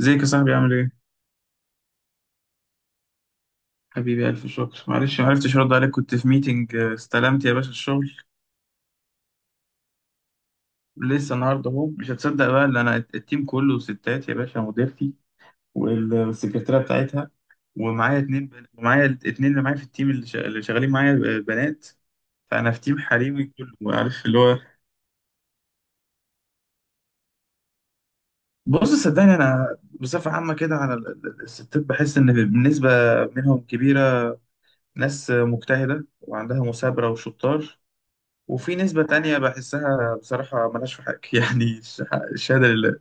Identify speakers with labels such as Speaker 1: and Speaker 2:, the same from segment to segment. Speaker 1: ازيك يا صاحبي عامل ايه؟ حبيبي ألف شكر، معلش ما عرفتش أرد عليك، كنت في ميتنج. استلمت يا باشا الشغل. لسه النهاردة أهو. مش هتصدق بقى، اللي أنا التيم كله ستات يا باشا، مديرتي والسكرتيرة بتاعتها، ومعايا الاتنين اللي معايا في التيم اللي شغالين معايا بنات. فأنا في تيم حريمي كله، عارف اللي هو. بص صدقني، أنا بصفة عامة كده على الستات بحس إن بالنسبة منهم كبيرة ناس مجتهدة وعندها مثابرة وشطار، وفي نسبة تانية بحسها بصراحة ملهاش في حق يعني الشهادة لله.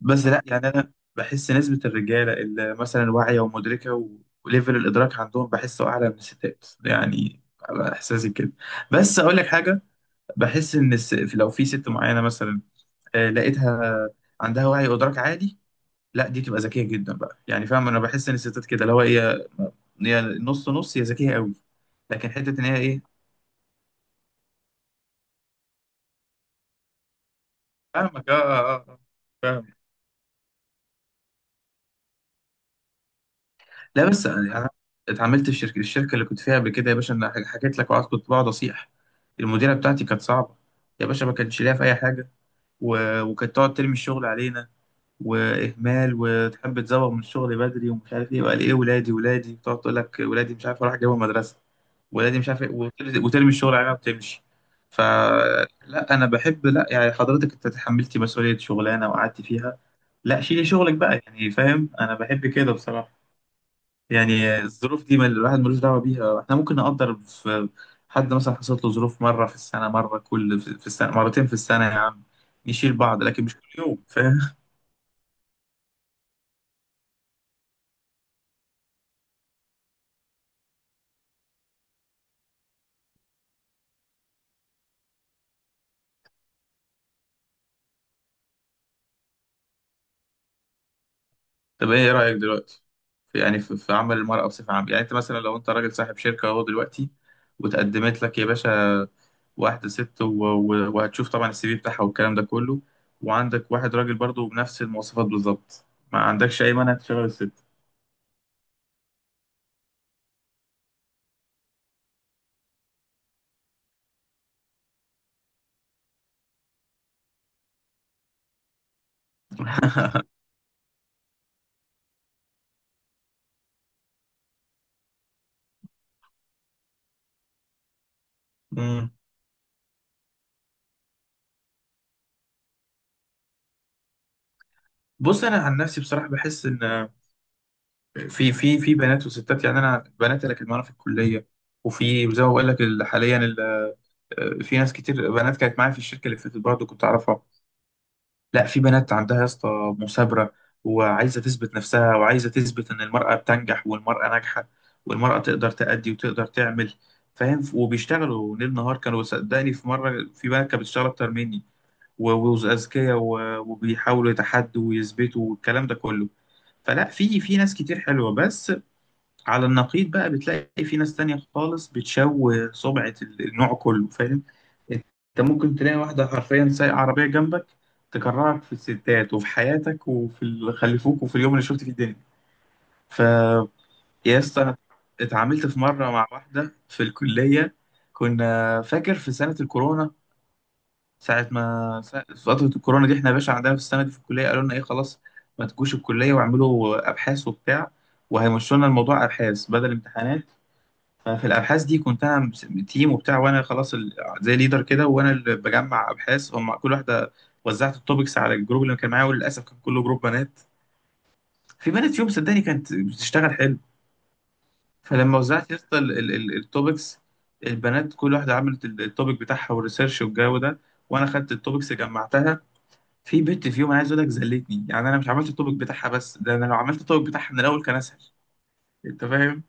Speaker 1: بس لا، يعني أنا بحس نسبة الرجالة اللي مثلا واعية ومدركة و- وليفل الإدراك عندهم بحسه أعلى من الستات، يعني على إحساسي كده. بس أقول لك حاجة، بحس إن لو في ست معينة مثلا، لقيتها عندها وعي وإدراك عالي، لا دي تبقى ذكية جدا بقى، يعني فاهم، أنا بحس إن الستات كده اللي هو هي نص نص، هي ذكية قوي، لكن حتة إن هي إيه. فاهمك، آه. فاهمك. لا بس يعني انا اتعاملت في الشركه اللي كنت فيها قبل كده يا باشا، انا حكيت لك، وقعدت كنت بقعد اصيح. المديره بتاعتي كانت صعبه يا باشا، ما كانتش ليها في اي حاجه، وكانت تقعد ترمي الشغل علينا واهمال، وتحب تزوغ من الشغل بدري ومش عارف ايه، وقال ايه ولادي، تقعد تقول لك ولادي مش عارف اروح اجيبهم مدرسه، ولادي مش عارف ايه، وترمي الشغل علينا وتمشي. فلا انا بحب، لا يعني حضرتك انت تحملتي مسؤوليه شغلانه وقعدتي فيها، لا شيلي شغلك بقى، يعني فاهم انا بحب كده بصراحه. يعني الظروف دي ما الواحد ملوش دعوة بيها، احنا ممكن نقدر في حد مثلا حصلت له ظروف مرة في السنة، مرة كل في السنة، مرتين في السنة يا عم، نشيل بعض، لكن مش كل يوم، فاهم. طب ايه رأيك دلوقتي في، يعني في عمل المرأة بصفة عامة؟ يعني انت مثلا لو انت راجل صاحب شركة اهو دلوقتي، وتقدمت لك يا باشا واحدة ست وهتشوف طبعا السي في بتاعها والكلام ده كله، وعندك واحد راجل برضه بنفس المواصفات بالظبط، ما عندكش اي مانع تشغل الست؟ مم. بص انا عن نفسي بصراحة بحس ان في في بنات وستات، يعني انا بنات اللي كانت معانا في الكليه، وفي زي ما بقول لك حاليا في ناس كتير بنات كانت معايا في الشركه اللي فاتت برضه كنت اعرفها، لا في بنات عندها يا اسطى مثابره، وعايزه تثبت نفسها، وعايزه تثبت ان المراه بتنجح والمراه ناجحه، والمراه تقدر تأدي وتقدر تعمل، فاهم، وبيشتغلوا ليل نهار، كانوا صدقني في مره في بنات كانت بتشتغل اكتر مني، و- واذكياء، و- وبيحاولوا يتحدوا ويثبتوا والكلام ده كله. فلا في ناس كتير حلوه، بس على النقيض بقى بتلاقي في ناس تانية خالص بتشوه سمعة النوع كله، فاهم. انت ممكن تلاقي واحدة حرفيا سايقة عربية جنبك، تكرهك في الستات وفي حياتك وفي اللي خلفوك وفي اليوم اللي شفت فيه الدنيا. ف يا اسطى، انا اتعاملت في مرة مع واحدة في الكلية، كنا فاكر في سنة الكورونا. ساعة ما سا- في فترة الكورونا دي احنا يا باشا عندنا في السنة دي في الكلية قالوا لنا ايه، خلاص ما تجوش الكلية، واعملوا أبحاث وبتاع، وهيمشوا لنا الموضوع أبحاث بدل امتحانات. ففي الابحاث دي كنت انا تيم وبتاع، وانا خلاص زي ليدر كده، وانا اللي بجمع ابحاث هم. كل واحده وزعت التوبكس على الجروب اللي كان معايا، وللاسف كان كله جروب بنات. في بنت فيهم صدقني كانت بتشتغل حلو. فلما وزعت يا اسطى التوبكس، البنات كل واحده عملت التوبك بتاعها والريسيرش والجو ده، وانا خدت التوبكس جمعتها. في بنت فيهم عايز اقول لك زلتني، يعني انا مش عملت التوبك بتاعها، بس ده انا لو عملت التوبك بتاعها من الاول كان اسهل، انت فاهم.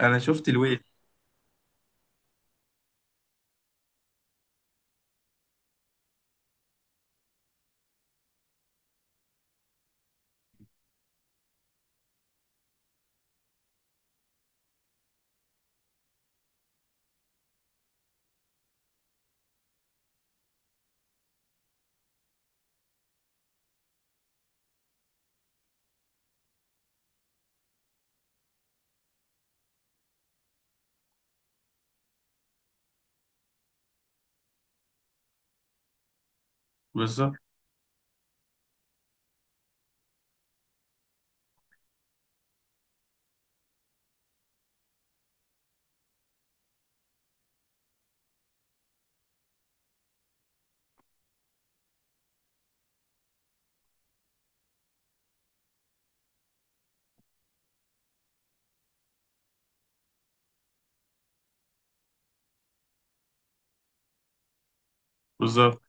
Speaker 1: انا شفت الويل. بالظبط. بالظبط.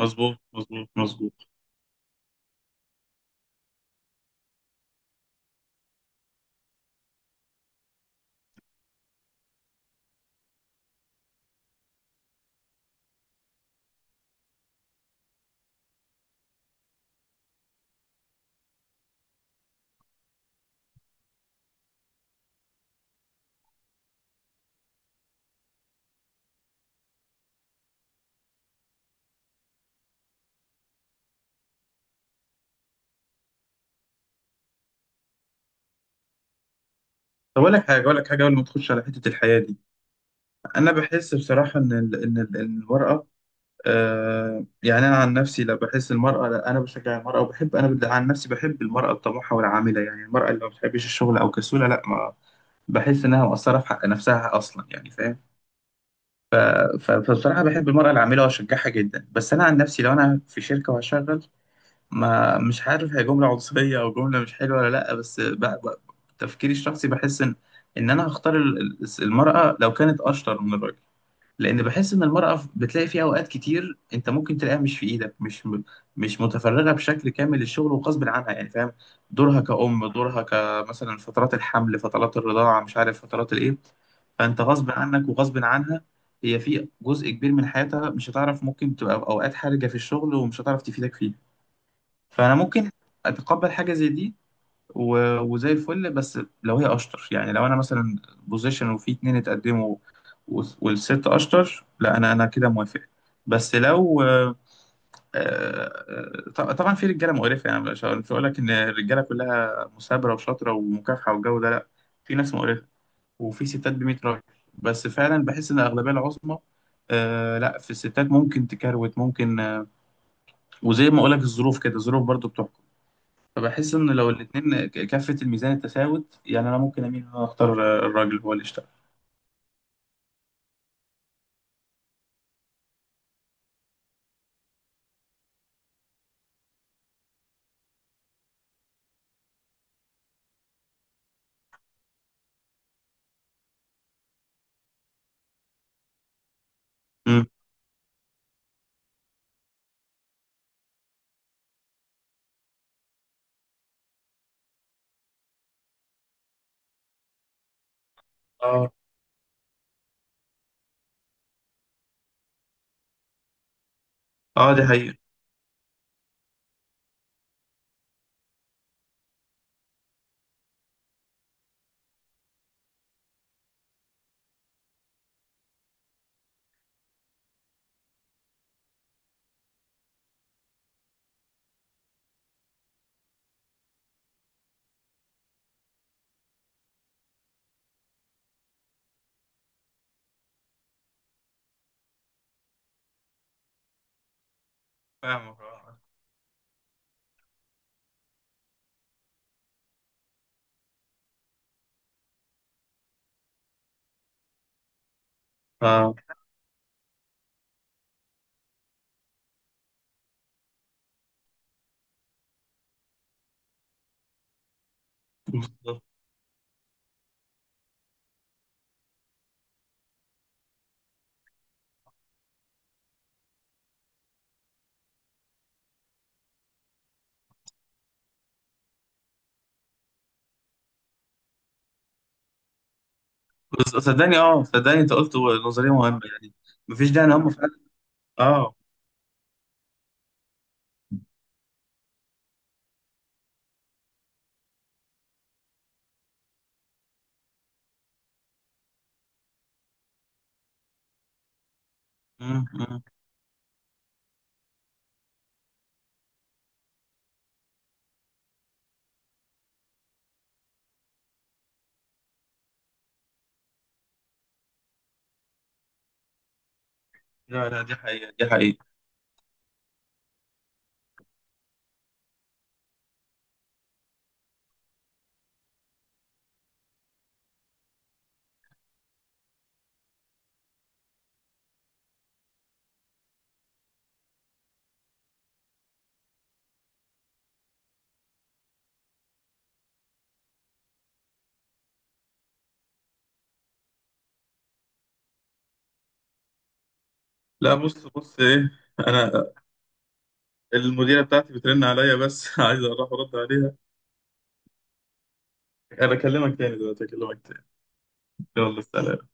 Speaker 1: مظبوط مظبوط. طب أقول لك حاجة، قبل ما تخش على حتة الحياة دي، أنا بحس بصراحة إن ال إن ال إن المرأة، يعني أنا عن نفسي، لا بحس المرأة، لا أنا بشجع المرأة وبحب، أنا عن نفسي بحب المرأة الطموحة والعاملة، يعني المرأة اللي ما بتحبش الشغل أو كسولة لا، ما بحس إنها مقصرة في حق نفسها أصلا، يعني فاهم. ف- فبصراحة بحب المرأة العاملة وأشجعها جدا، بس أنا عن نفسي لو أنا في شركة وهشغل، ما مش عارف هي جملة عنصرية أو جملة مش حلوة ولا لأ، بس تفكيري الشخصي بحس إن أنا هختار المرأة لو كانت أشطر من الراجل، لأن بحس إن المرأة بتلاقي فيها أوقات كتير، أنت ممكن تلاقيها مش في إيدك، مش مش متفرغة بشكل كامل للشغل، وغصب عنها، يعني فاهم. دورها كأم، دورها كمثلا فترات الحمل، فترات الرضاعة، مش عارف فترات الإيه. فانت غصب عنك وغصب عنها، هي في جزء كبير من حياتها مش هتعرف، ممكن تبقى في اوقات حرجه في الشغل ومش هتعرف تفيدك فيه. فانا ممكن اتقبل حاجه زي دي و- وزي الفل، بس لو هي اشطر، يعني لو انا مثلا بوزيشن وفي اتنين اتقدموا و- والست اشطر، لا انا كده موافق. بس لو طبعا في رجاله مقرفه، يعني مش، مش هقول لك ان الرجاله كلها مثابره وشاطره ومكافحه والجو ده لا، في ناس مقرفه، وفي ستات ب 100 راجل، بس فعلا بحس ان الاغلبيه العظمى، لا في الستات ممكن تكروت، ممكن وزي ما اقول لك الظروف كده، الظروف برضو بتحكم. فبحس ان لو الاتنين كفة الميزان التساوت، يعني انا ممكن اميل ان انا اختار الراجل هو اللي يشتغل. مم. اه. اه دي حقيقة. فاهمك اه. اه. بالظبط. بس- صدقني، اه صدقني، انت قلت نظرية مهمة يعني، مفيش داعي ان هم فعلا. اه. مم، مم. لا لا، دي حقيقة، دي حقيقة. لا بص بص ايه، انا المديرة بتاعتي بترن عليا بس عايز اروح ارد عليها. انا اكلمك تاني دلوقتي، اكلمك تاني. يلا سلام.